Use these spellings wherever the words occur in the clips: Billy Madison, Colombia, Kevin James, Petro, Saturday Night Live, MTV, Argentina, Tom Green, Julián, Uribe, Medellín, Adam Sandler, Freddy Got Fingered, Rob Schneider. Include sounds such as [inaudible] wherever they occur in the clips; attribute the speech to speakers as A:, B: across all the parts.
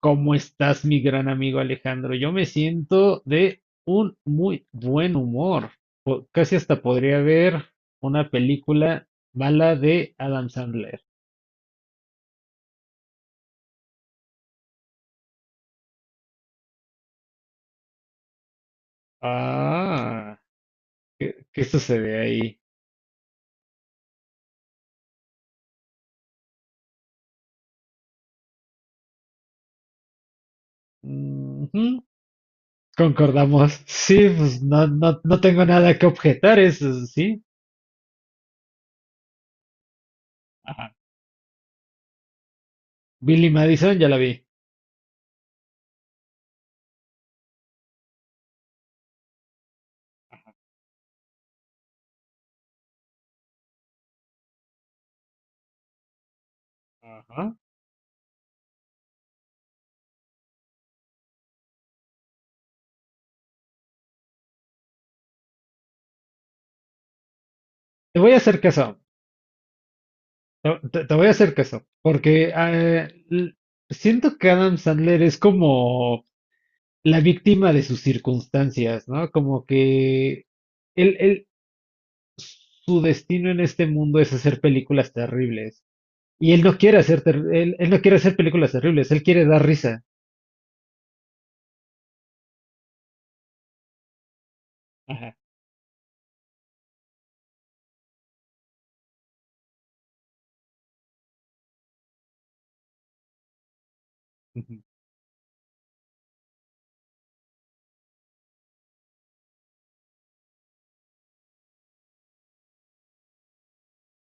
A: ¿Cómo estás, mi gran amigo Alejandro? Yo me siento de un muy buen humor. Casi hasta podría ver una película mala de Adam Sandler. Ah, ¿qué sucede ahí? Ujú. Concordamos. Sí, pues no tengo nada que objetar, eso sí. Ajá. Billy Madison, ya la vi. Ajá. Te voy a hacer caso. Te voy a hacer caso. Porque siento que Adam Sandler es como la víctima de sus circunstancias, ¿no? Como que él, él, su destino en este mundo es hacer películas terribles. Y él no quiere hacer, ter- él no quiere hacer películas terribles, él quiere dar risa. Ajá. Ujú.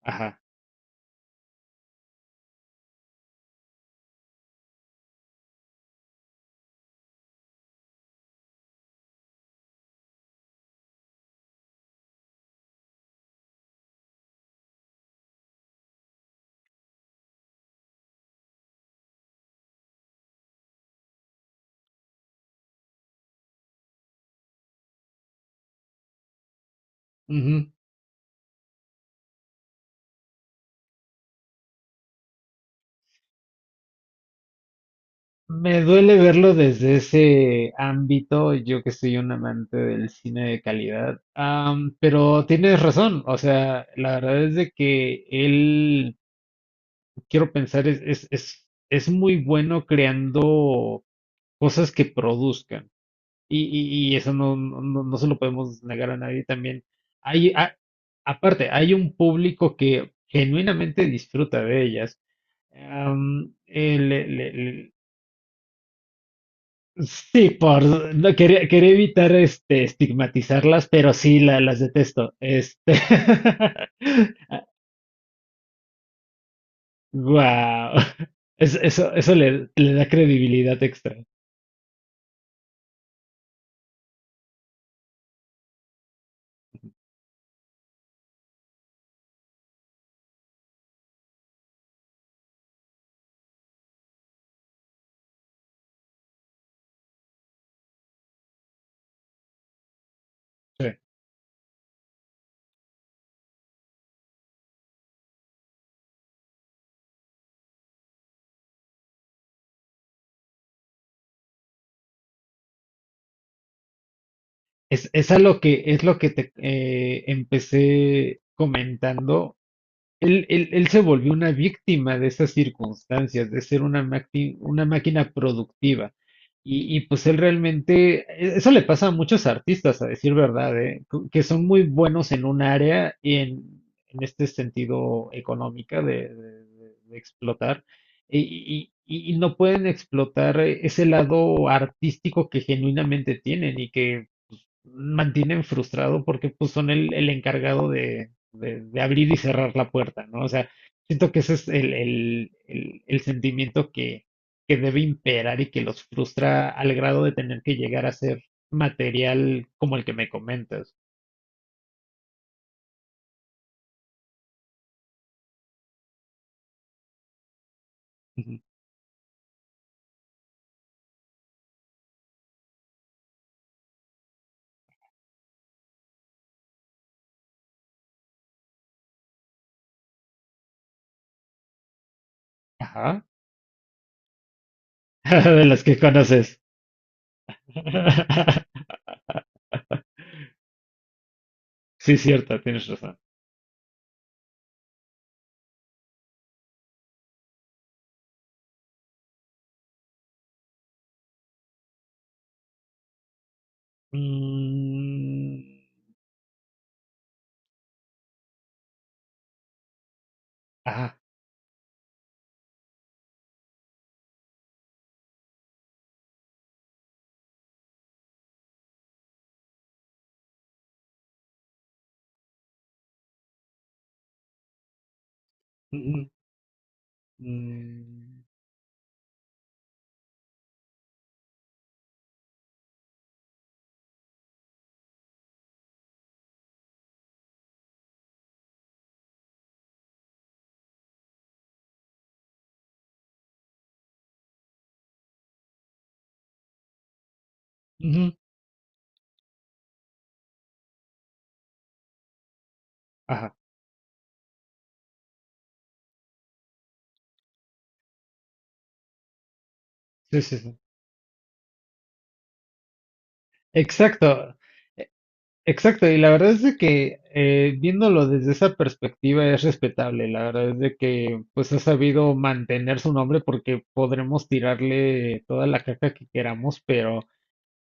A: Ajá. Ujú. Me duele verlo desde ese ámbito, yo que soy un amante del cine de calidad. Pero tienes razón, o sea, la verdad es de que quiero pensar, es muy bueno creando cosas que produzcan. Y eso no se lo podemos negar a nadie también. Hay, a- Aparte, hay un público que genuinamente disfruta de ellas. Am, le- le- le- Sí, no, quería evitar este, estigmatizarlas, pero sí las detesto. Este, [laughs] wow. Eso le da credibilidad extra. Sí. Es a lo que es lo que te empecé comentando. Él se volvió una víctima de esas circunstancias, de ser una máquina productiva. Pues él realmente, eso le pasa a muchos artistas, a decir verdad, ¿eh? Que son muy buenos en un área y en este sentido económica de, de explotar, y no pueden explotar ese lado artístico que genuinamente tienen y que mantienen frustrado porque pues son el encargado de, de abrir y cerrar la puerta, ¿no? O sea, siento que ese es el sentimiento que debe imperar y que los frustra al grado de tener que llegar a ser material como el que me comentas. Ujú. Ajá. [laughs] De las que conoces. [laughs] Sí, cierto, tienes razón. Mm, ajá. Ujú, mm, mm, ujú, ajá. Sí, sí, sí. Exacto. Exacto, y la verdad es de que viéndolo desde esa perspectiva es respetable, la verdad es de que pues ha sabido mantener su nombre porque podremos tirarle toda la caca que queramos, pero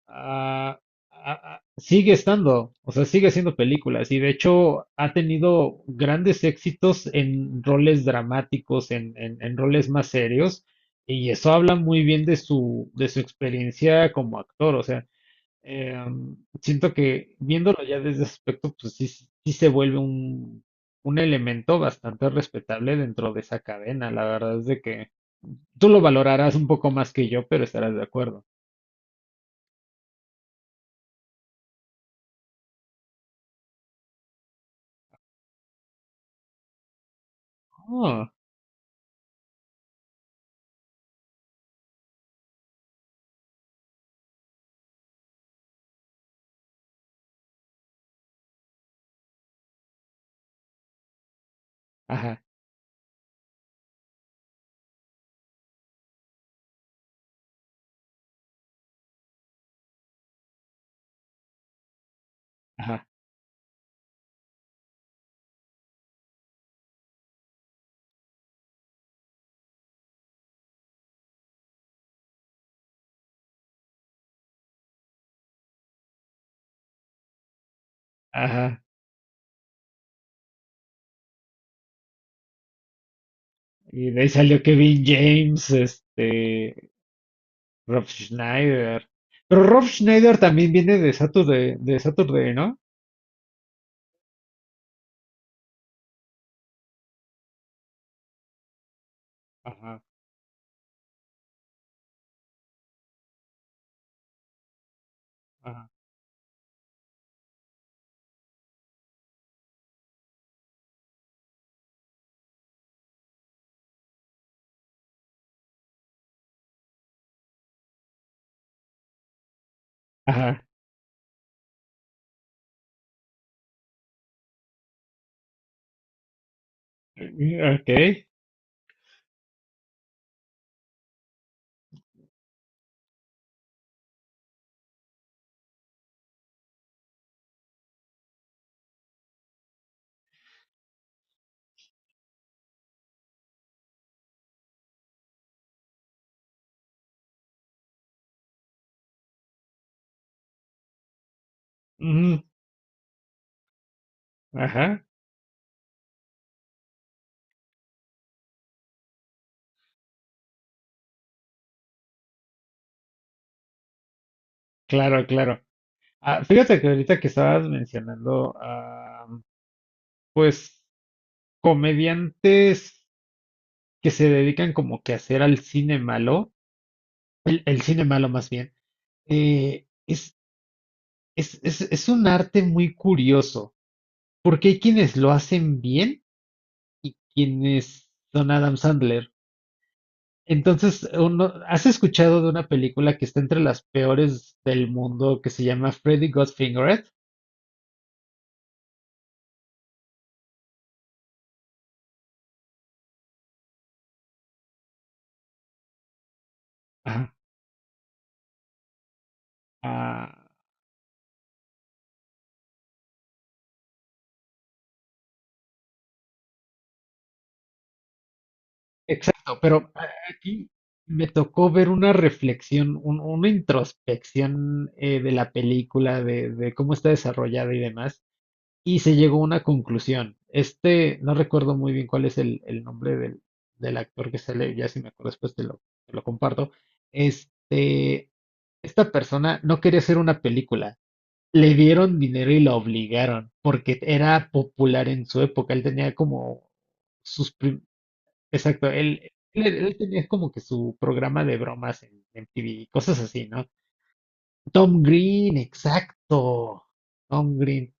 A: ah, ah, sigue estando, o sea, sigue haciendo películas y de hecho ha tenido grandes éxitos en roles dramáticos, en roles más serios, y eso habla muy bien de su experiencia como actor, o sea. Eh, siento que viéndolo ya desde ese aspecto, pues sí, sí se vuelve un elemento bastante respetable dentro de esa cadena. La verdad es de que tú lo valorarás un poco más que yo, pero estarás de acuerdo. Oh, ajá, ajá, ajá. Y de ahí salió Kevin James, este, Rob Schneider. Pero Rob Schneider también viene de Saturday, ¿no? Ajá, ajá, ajá. Ok. Ujú. Ajá, claro, claro. Ah, fíjate que ahorita que estabas mencionando, ah, pues comediantes que se dedican como que a hacer al cine malo, el cine malo más bien, eh, es, es un arte muy curioso, porque hay quienes lo hacen bien y quienes son Adam Sandler. Entonces, uno, ¿has escuchado de una película que está entre las peores del mundo que se llama Freddy Got Fingered? Ajá. Exacto, pero aquí me tocó ver una reflexión, una introspección de la película, de cómo está desarrollada y demás, y se llegó a una conclusión. Este, no recuerdo muy bien cuál es el nombre del, del actor que sale, ya si me acuerdo después te lo comparto. Este, esta persona no quería hacer una película. Le dieron dinero y lo obligaron, porque era popular en su época. Él tenía como Exacto, él tenía como que su programa de bromas en MTV y cosas así, ¿no? Tom Green, exacto. Tom Green.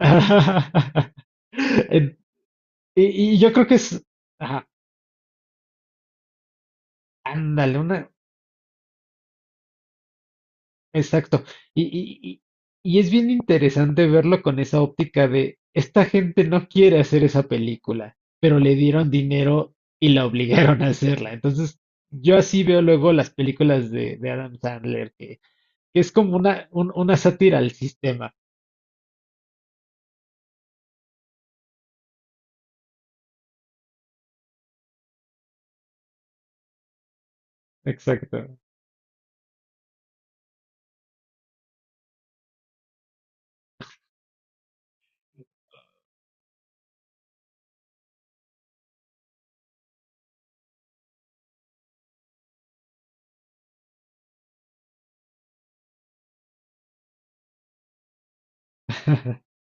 A: [laughs] En- Y, y yo creo que es, ajá, ándale, una, exacto. Y y es bien interesante verlo con esa óptica de, esta gente no quiere hacer esa película, pero le dieron dinero y la obligaron a hacerla. Entonces, yo así veo luego las películas de Adam Sandler. Es como una sátira al sistema. Exacto. [laughs]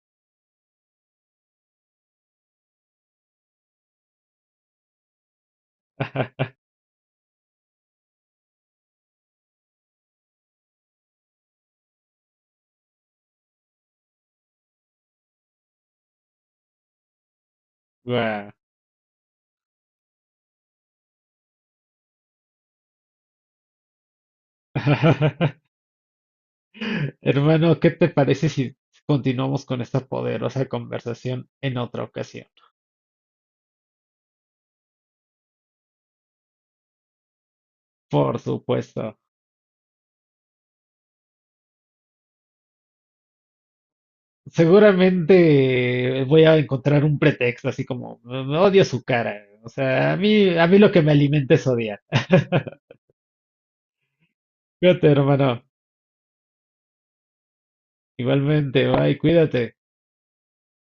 A: Guau. [laughs] Hermano, ¿qué te parece si continuamos con esta poderosa conversación en otra ocasión? Por supuesto. Seguramente voy a encontrar un pretexto, así como "Mm, odio su cara. O sea, a mí lo que me alimenta es odiar. [laughs] Cuídate, hermano. Igualmente, bye, cuídate.